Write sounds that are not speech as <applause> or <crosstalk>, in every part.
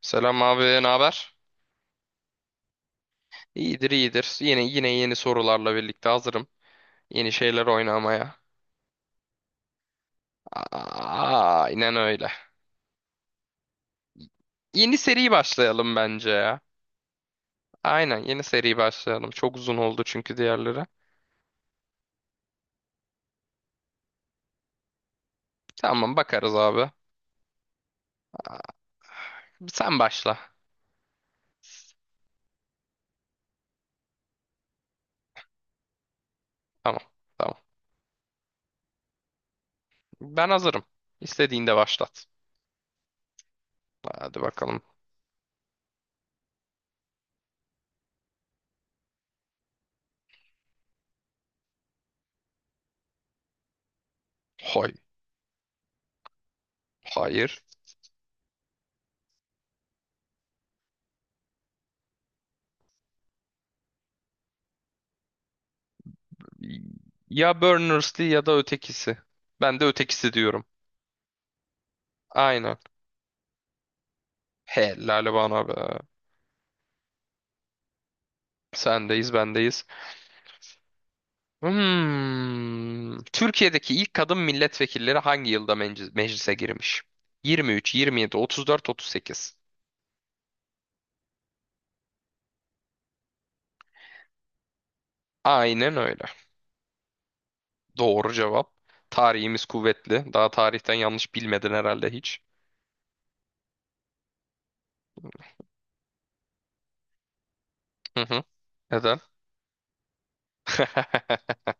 Selam abi, ne haber? İyidir, iyidir. Yine yeni sorularla birlikte hazırım. Yeni şeyler oynamaya. Aa, aynen öyle. Yeni seri başlayalım bence ya. Aynen yeni seri başlayalım. Çok uzun oldu çünkü diğerleri. Tamam bakarız abi. Sen başla. Tamam, tamam. Ben hazırım. İstediğinde başlat. Hadi bakalım. Hay, hayır. Ya Berners Lee ya da ötekisi. Ben de ötekisi diyorum. Aynen. Helal bana be. Sendeyiz, bendeyiz. Hmm. Türkiye'deki ilk kadın milletvekilleri hangi yılda meclise girmiş? 23, 27, 34, 38. Aynen öyle. Doğru cevap. Tarihimiz kuvvetli. Daha tarihten yanlış bilmedin herhalde hiç. Hı hı. Neden? <laughs>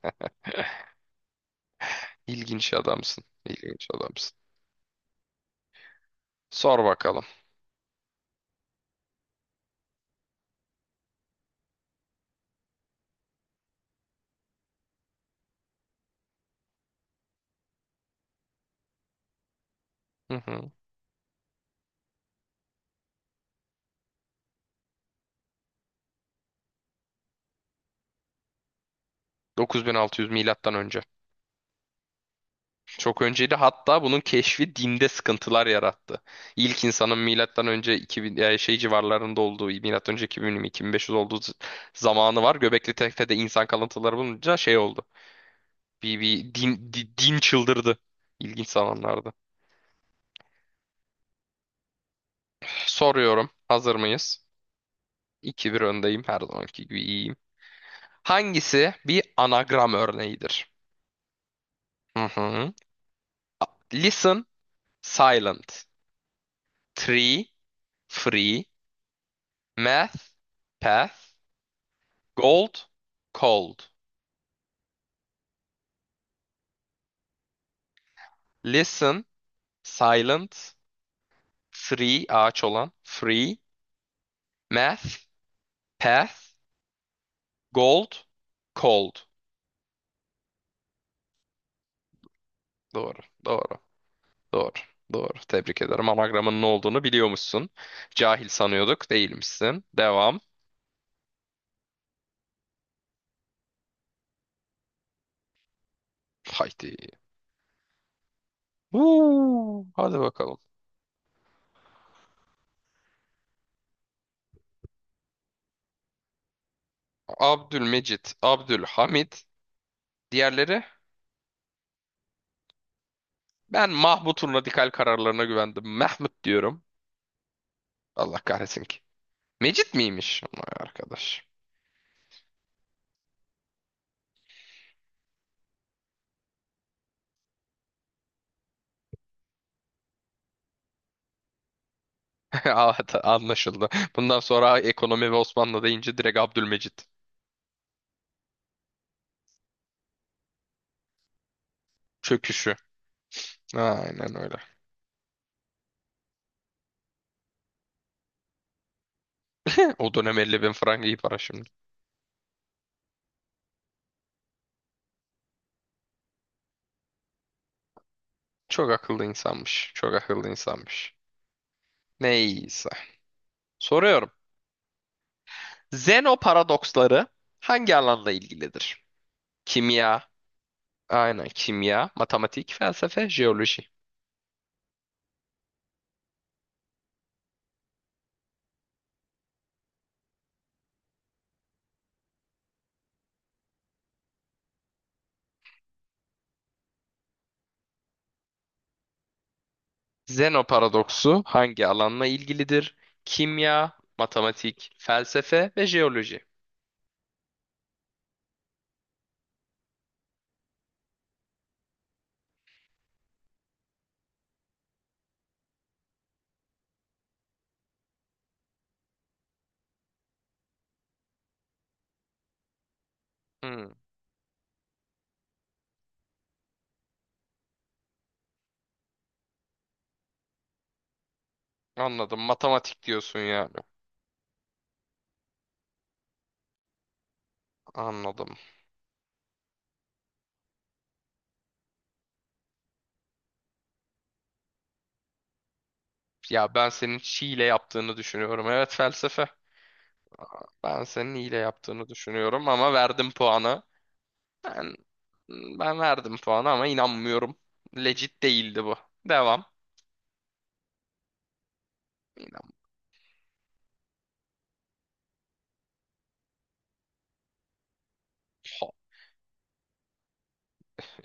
İlginç adamsın. İlginç adamsın. Sor bakalım. Hı hı. 9600 milattan önce. Çok önceydi, hatta bunun keşfi dinde sıkıntılar yarattı. İlk insanın milattan önce 2000 şey civarlarında olduğu, milattan önce 2000-2500 olduğu zamanı var. Göbekli Tepe'de insan kalıntıları bulunca şey oldu. Bir din, din çıldırdı. İlginç zamanlarda. Soruyorum, hazır mıyız? 2 bir öndeyim, her zamanki gibi iyiyim. Hangisi bir anagram örneğidir? Hı hı. Listen, silent, tree, free, math, path, gold, cold. Listen, silent. Free, ağaç olan. Free. Math, path. Gold, cold. Doğru, doğru, doğru, doğru. Tebrik ederim. Anagramın ne olduğunu biliyormuşsun. Cahil sanıyorduk, değilmişsin. Devam. Haydi. Huu, hadi bakalım. Abdülmecit, Abdülhamid. Diğerleri? Ben Mahmut'un radikal kararlarına güvendim. Mehmet diyorum. Allah kahretsin ki. Mecit miymiş? Vay arkadaş. <laughs> Evet, anlaşıldı. Bundan sonra ekonomi ve Osmanlı deyince direkt Abdülmecit. Çöküşü. Aynen öyle. <laughs> O dönem 50 bin frank iyi para şimdi. Çok akıllı insanmış. Çok akıllı insanmış. Neyse. Soruyorum. Zeno paradoksları hangi alanla ilgilidir? Kimya. Aynen kimya, matematik, felsefe, jeoloji. Zeno paradoksu hangi alanla ilgilidir? Kimya, matematik, felsefe ve jeoloji. Hmm, anladım. Matematik diyorsun yani. Anladım. Ya ben senin hile yaptığını düşünüyorum. Evet, felsefe. Ben senin hile yaptığını düşünüyorum ama verdim puanı. Ben ben verdim puanı ama inanmıyorum. Legit değildi bu. Devam. İnan. Hop.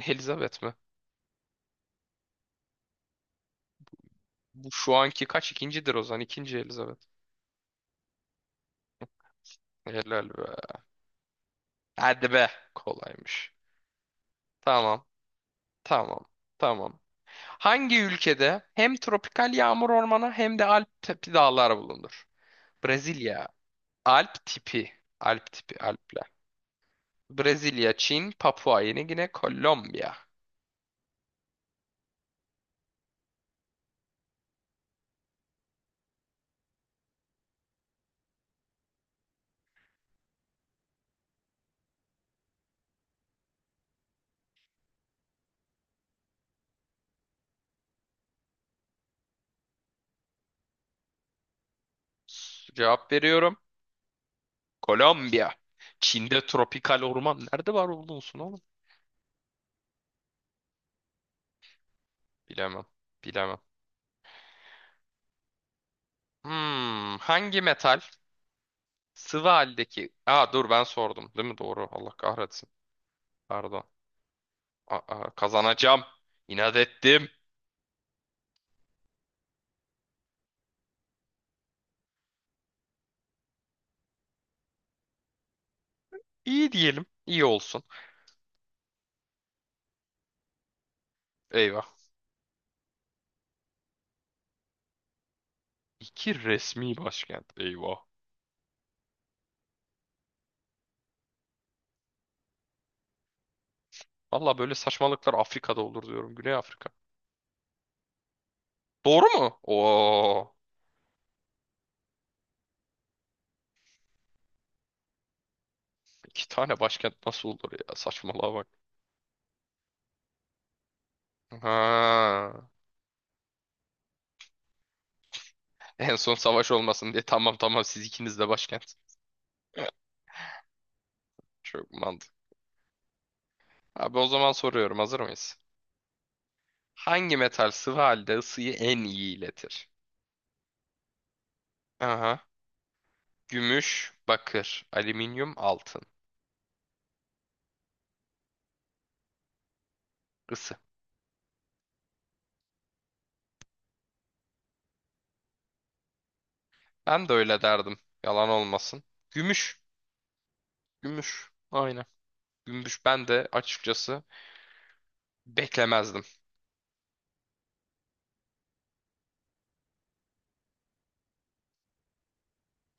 Elizabeth mi? Bu şu anki kaç ikincidir o zaman? İkinci Elizabeth. Helal be. Hadi be. Kolaymış. Tamam. Tamam. Tamam. Hangi ülkede hem tropikal yağmur ormanı hem de Alp tepi dağlar bulunur? Brezilya. Alp tipi. Alp tipi. Alpler. Brezilya, Çin, Papua Yeni Gine, Kolombiya. Cevap veriyorum. Kolombiya. Çin'de tropikal orman nerede var olursun oğlum? Bilemem. Bilemem. Hmm, hangi metal sıvı haldeki... Aa dur, ben sordum değil mi? Doğru. Allah kahretsin. Pardon. Aa, kazanacağım. İnat ettim. İyi diyelim. İyi olsun. Eyvah. İki resmi başkent. Eyvah. Valla böyle saçmalıklar Afrika'da olur diyorum. Güney Afrika. Doğru mu? Oo, iki tane başkent nasıl olur ya? Saçmalığa bak. Ha. En son savaş olmasın diye, tamam tamam siz ikiniz de başkent. <laughs> Çok mantıklı. Abi, o zaman soruyorum, hazır mıyız? Hangi metal sıvı halde ısıyı en iyi iletir? Aha. Gümüş, bakır, alüminyum, altın. Isı. Ben de öyle derdim. Yalan olmasın. Gümüş. Gümüş. Aynen. Gümüş, ben de açıkçası beklemezdim.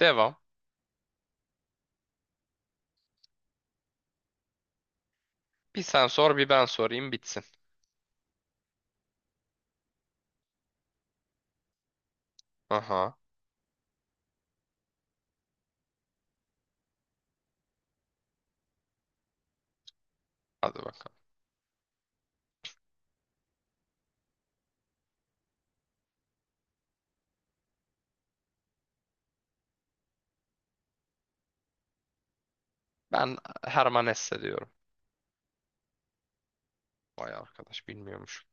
Devam. Bir sen sor bir ben sorayım bitsin. Aha. Hadi bakalım. Ben Herman Hesse diyorum. Vay arkadaş, bilmiyormuş.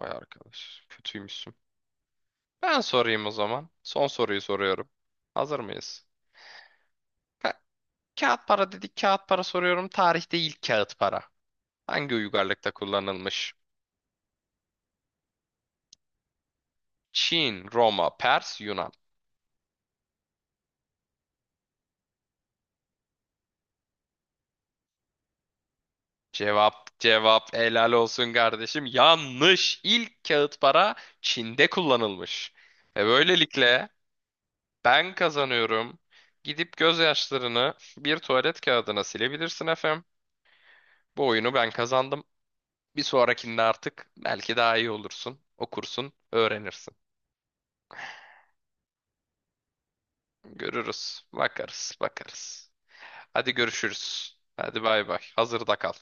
Vay arkadaş, kötüymüşsün. Ben sorayım o zaman. Son soruyu soruyorum. Hazır mıyız? Ka- kağıt para dedik, kağıt para soruyorum. Tarihte ilk kağıt para. Hangi uygarlıkta kullanılmış? Çin, Roma, Pers, Yunan. Cevap, cevap, helal olsun kardeşim. Yanlış. İlk kağıt para Çin'de kullanılmış. Ve böylelikle ben kazanıyorum. Gidip gözyaşlarını bir tuvalet kağıdına silebilirsin efem. Bu oyunu ben kazandım. Bir sonrakinde artık belki daha iyi olursun. Okursun, öğrenirsin. Görürüz, bakarız, bakarız. Hadi görüşürüz. Hadi bay bay. Hazırda kal.